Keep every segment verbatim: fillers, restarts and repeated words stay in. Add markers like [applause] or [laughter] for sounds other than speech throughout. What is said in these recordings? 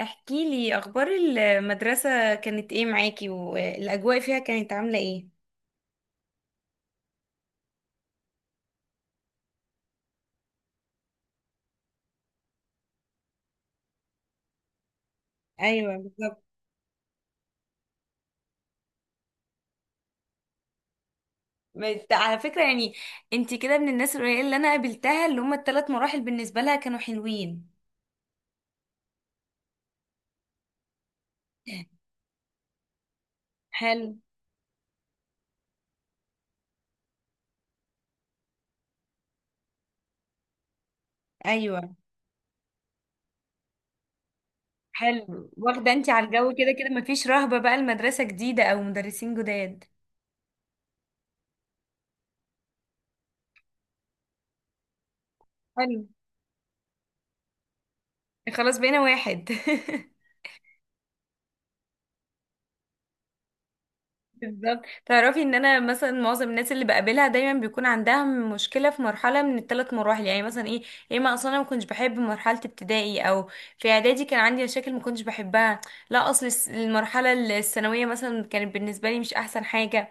احكي لي اخبار المدرسة كانت ايه معاكي والاجواء فيها كانت عاملة ايه؟ ايوه بالظبط. بت- على فكرة يعني انتي كده من الناس القليلة اللي انا قابلتها اللي هما الثلاث مراحل بالنسبة لها كانوا حلوين. حلو. ايوه، حلو. واخدة انتي على الجو كده كده، مفيش رهبة بقى المدرسة جديدة او مدرسين جداد. حلو، خلاص بقينا واحد. [laughs] بالظبط، تعرفي ان انا مثلا معظم الناس اللي بقابلها دايما بيكون عندها مشكله في مرحله من التلات مراحل، يعني مثلا ايه، يا اما اصلا انا ما كنتش بحب مرحله ابتدائي، او في اعدادي كان عندي مشاكل ما كنتش بحبها، لا اصل الس- المرحله الثانويه مثلا كانت بالنسبه لي مش احسن حاجه.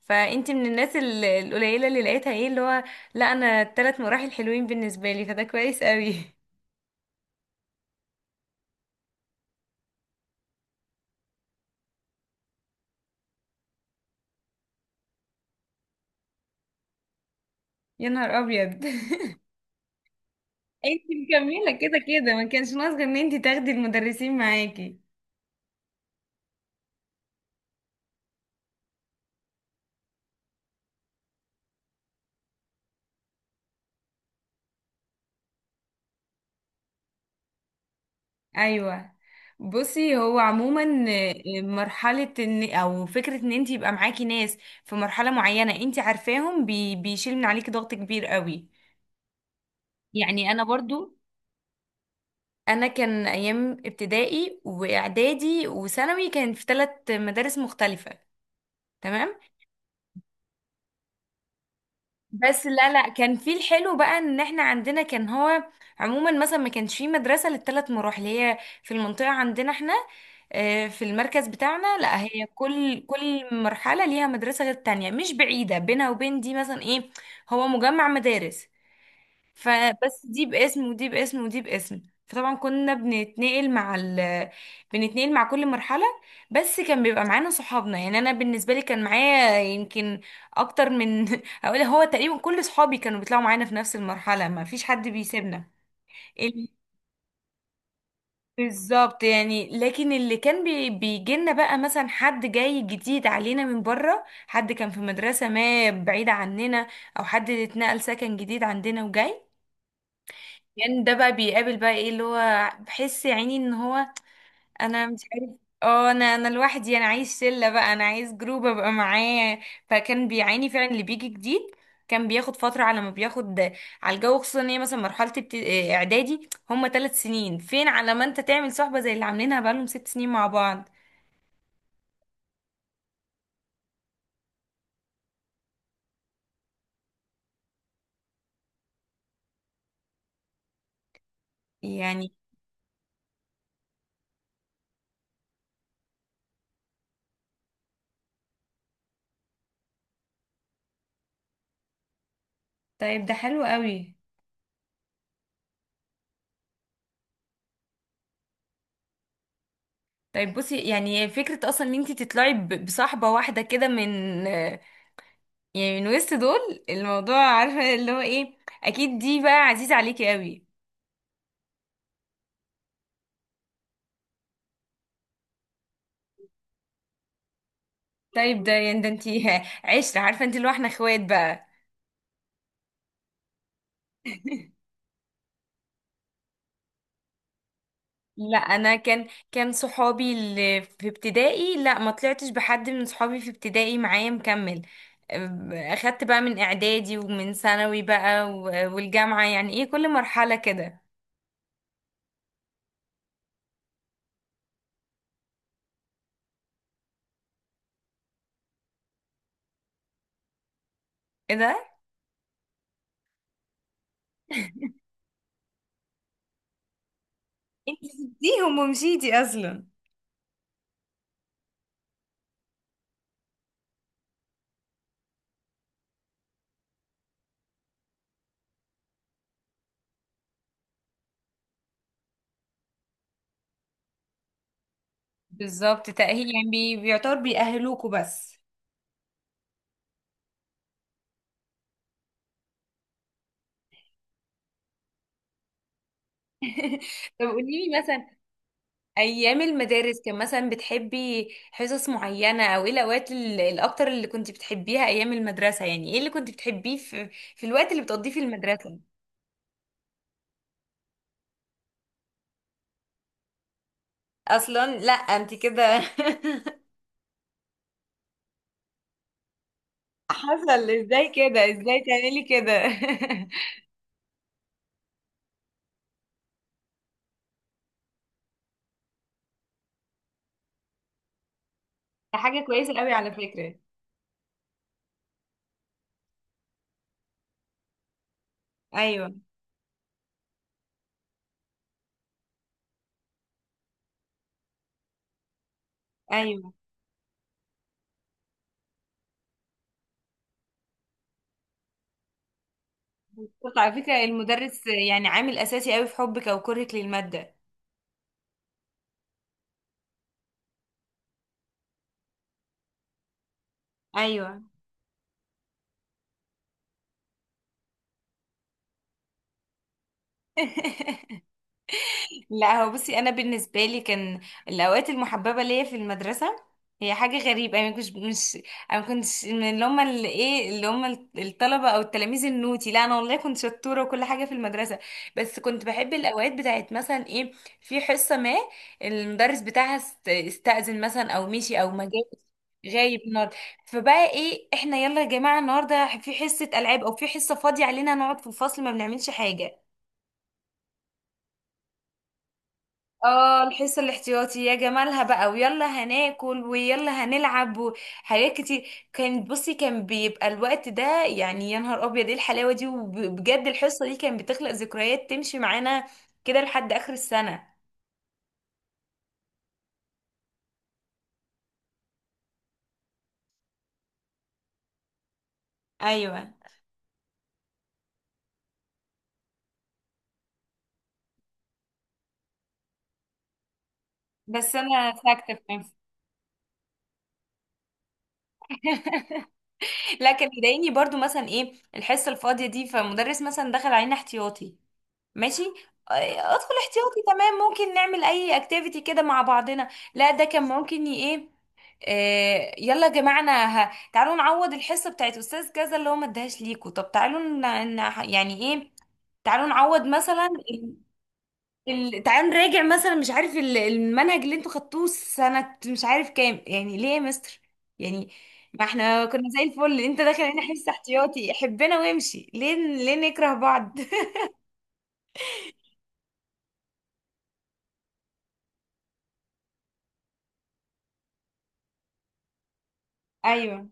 فانت من الناس ال- القليله اللي لقيتها ايه اللي هو لا انا التلات مراحل حلوين بالنسبه لي، فده كويس قوي. [laughs] يا نهار ابيض. [laughs] انت مكمله كده كده، ما كانش ناقص غير ان انت تاخدي المدرسين معاكي. ايوه. بصي هو عموما مرحله، ان او فكره ان انت يبقى معاكي ناس في مرحله معينه انت عارفاهم بي بيشيل من عليكي ضغط كبير قوي. يعني انا برضو انا كان ايام ابتدائي واعدادي وثانوي كان في تلات مدارس مختلفه. تمام. بس لا لا، كان في الحلو بقى ان احنا عندنا كان هو عموما مثلا ما كانش في مدرسة للتلات مراحل، هي في المنطقة عندنا احنا، آه، في المركز بتاعنا، لا هي كل كل مرحلة ليها مدرسة غير التانية، مش بعيدة بينها وبين دي، مثلا ايه، هو مجمع مدارس، فبس دي باسم ودي باسم ودي باسم. فطبعا كنا بنتنقل مع ال... بنتنقل مع كل مرحلة، بس كان بيبقى معانا صحابنا. يعني انا بالنسبة لي كان معايا يمكن اكتر من، [laughs] اقول هو تقريبا كل صحابي كانوا بيطلعوا معانا في نفس المرحلة، ما فيش حد بيسيبنا. ال- بالظبط يعني، لكن اللي كان بي... بيجيلنا بقى مثلا حد جاي جديد علينا من بره، حد كان في مدرسة ما بعيدة عننا، او حد اتنقل سكن جديد عندنا وجاي، يعني ده بقى بيقابل بقى ايه اللي هو بحس يا عيني ان هو انا مش عارف. اه، انا انا لوحدي، انا عايز شله بقى، انا عايز جروب ابقى معاه. فكان بيعاني فعلا اللي بيجي جديد، كان بياخد فتره على ما بياخد على الجو، خصوصا ان هي مثلا مرحله ابت- آه، اعدادي هم تلات سنين، فين على ما انت تعمل صحبه زي اللي عاملينها بقالهم ست سنين مع بعض يعني. طيب ده حلو قوي. طيب بصي، يعني فكرة أصلا إن أنتي تطلعي ب- بصاحبة واحدة كده من، يعني من وسط دول، الموضوع عارفة اللي هو ايه، اكيد دي بقى عزيزة عليكي قوي. طيب ده يعني ده انتي [laughs] عشرة، عارفة انتي اللي هو احنا اخوات بقى. [laughs] لا، انا كان كان صحابي اللي في ابتدائي لا ما طلعتش بحد من صحابي في ابتدائي معايا مكمل. أم، اخدت بقى من اعدادي ومن ثانوي بقى و- والجامعة يعني، ايه كل مرحلة كده. ايه ده، انت سبتيهم ومشيتي اصلا. بالظبط، تأهيل يعني بي- بيعتبر بيأهلوكوا بس. طب قولي لي مثلا، ايام المدارس كان مثلا بتحبي حصص معينه، او ايه الاوقات ال- الاكتر اللي كنت بتحبيها ايام المدرسه، يعني ايه اللي كنت بتحبيه في في الوقت اللي بتقضيه في المدرسه؟ اصلا لا انت كده. [laughs] حصل ازاي كده، ازاي تعملي كده؟ [laughs] ده حاجه كويسه قوي على فكره. ايوه. ايوه بس على فكره المدرس يعني عامل اساسي قوي في حبك او كرهك للماده. ايوه. [laughs] لا هو بصي انا بالنسبه لي كان الاوقات المحببه ليا في المدرسه هي حاجه غريبه، انا مش مش، انا ما كنتش من اللي هم اللي ايه اللي هم الطلبه او التلاميذ النوتي، لا انا والله كنت شطوره وكل حاجه في المدرسه، بس كنت بحب الاوقات بتاعت مثلا ايه، في حصه ما المدرس بتاعها است- استأذن مثلا، او مشي، او ما جاش، غايب النهارده، فبقى ايه احنا، يلا يا جماعه النهارده في حصه العاب، او في حصه فاضيه علينا نقعد في الفصل ما بنعملش حاجه. اه الحصة الاحتياطي، يا جمالها بقى، ويلا هناكل ويلا هنلعب وحاجات كتير كانت، بصي كان بيبقى الوقت ده يعني يا نهار ابيض ايه الحلاوة دي، وبجد الحصة دي كانت بتخلق ذكريات تمشي معانا كده لحد اخر السنة. ايوه بس انا ساكتة في نفسي. لكن يضايقني برضو مثلا ايه الحصة الفاضية دي، فمدرس مثلا دخل علينا احتياطي، ماشي، آه، ادخل احتياطي تمام، ممكن نعمل اي اكتيفيتي كده مع بعضنا، لا ده كان ممكن ي- ايه، آه، يلا يا جماعه انا ه- تعالوا نعوض الحصه بتاعت استاذ كذا اللي هو ما اداهاش ليكوا، طب تعالوا ن- ن- يعني ايه، تعالوا نعوض مثلا ال... ال... تعالوا نراجع مثلا مش عارف ال- المنهج اللي انتوا خدتوه سنة مش عارف كام، يعني ليه يا مستر، يعني ما احنا كنا زي الفل، انت داخل هنا حصة احتياطي حبنا وامشي، ليه ليه نكره بعض؟ [laughs] ايوه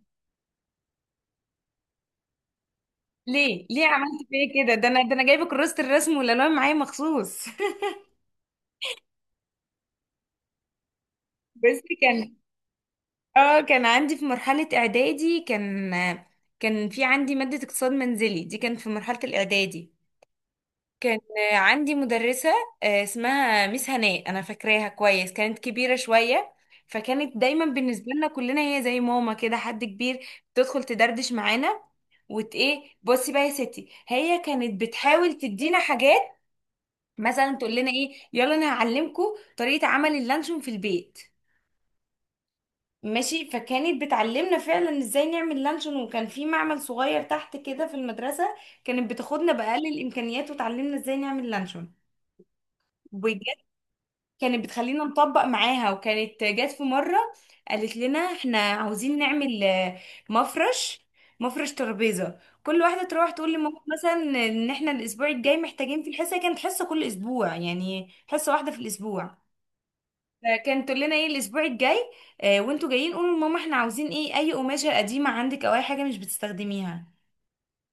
ليه، ليه عملت فيا كده، ده انا ده انا جايبه كراسه الرسم والالوان معايا مخصوص. [laughs] بس كان، اه كان عندي في مرحله اعدادي كان كان في عندي ماده اقتصاد منزلي، دي كانت في مرحله الاعدادي، كان عندي مدرسه آه، اسمها ميس هناء، انا فاكراها كويس، كانت كبيره شويه، فكانت دايما بالنسبه لنا كلنا هي زي ماما كده، حد كبير تدخل تدردش معانا، وت ايه بصي بقى يا ستي، هي كانت بتحاول تدينا حاجات، مثلا تقول لنا ايه يلا انا هعلمكم طريقه عمل اللانشون في البيت، ماشي، فكانت بتعلمنا فعلا ازاي نعمل لانشون، وكان في معمل صغير تحت كده في المدرسه، كانت بتاخدنا باقل الامكانيات وتعلمنا ازاي نعمل لانشون بجد. كانت بتخلينا نطبق معاها، وكانت جت في مره قالت لنا احنا عاوزين نعمل آه، مفرش، مفرش ترابيزه، كل واحده تروح تقول لماما مثلا ان احنا الاسبوع الجاي محتاجين، في الحصه كانت حصه كل اسبوع يعني حصه واحده في الاسبوع، فكان تقول لنا ايه الاسبوع الجاي آه، وانتوا جايين قولوا لماما احنا عاوزين ايه، اي قماشه قديمه عندك، او اي حاجه مش بتستخدميها،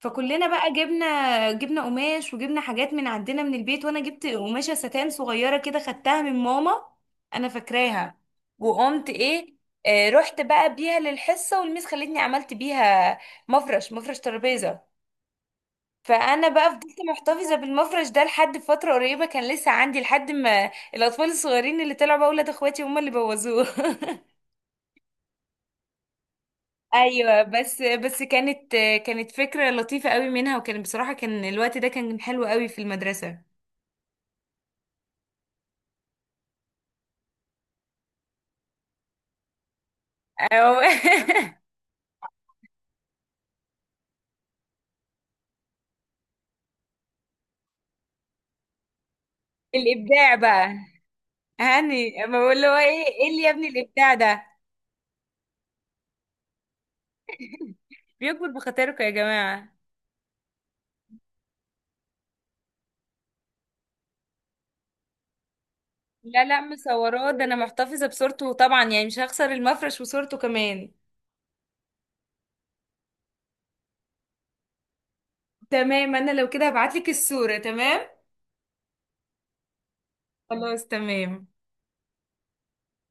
فكلنا بقى جبنا، جبنا قماش وجبنا حاجات من عندنا من البيت، وانا جبت قماشه ستان صغيره كده خدتها من ماما، انا فاكراها، وقمت ايه، آه رحت بقى بيها للحصه والميس خلتني عملت بيها مفرش مفرش ترابيزه، فانا بقى فضلت محتفظه بالمفرش ده لحد فتره قريبه، كان لسه عندي لحد ما الاطفال الصغيرين اللي طلعوا بقى ولاد اخواتي هم اللي بوظوه. [laughs] ايوه بس بس كانت، كانت فكره لطيفه قوي منها، وكان بصراحه كان الوقت ده كان حلو قوي في المدرسه. أو [laughs] الابداع بقى، هاني ما بقول له ايه ايه اللي يا ابني الابداع ده، بيكبر بخاطركم يا جماعه. لا لا مصوراه، ده انا محتفظه بصورته طبعا، يعني مش هخسر المفرش وصورته كمان. تمام انا لو كده هبعتلك الصورة. تمام، خلاص تمام.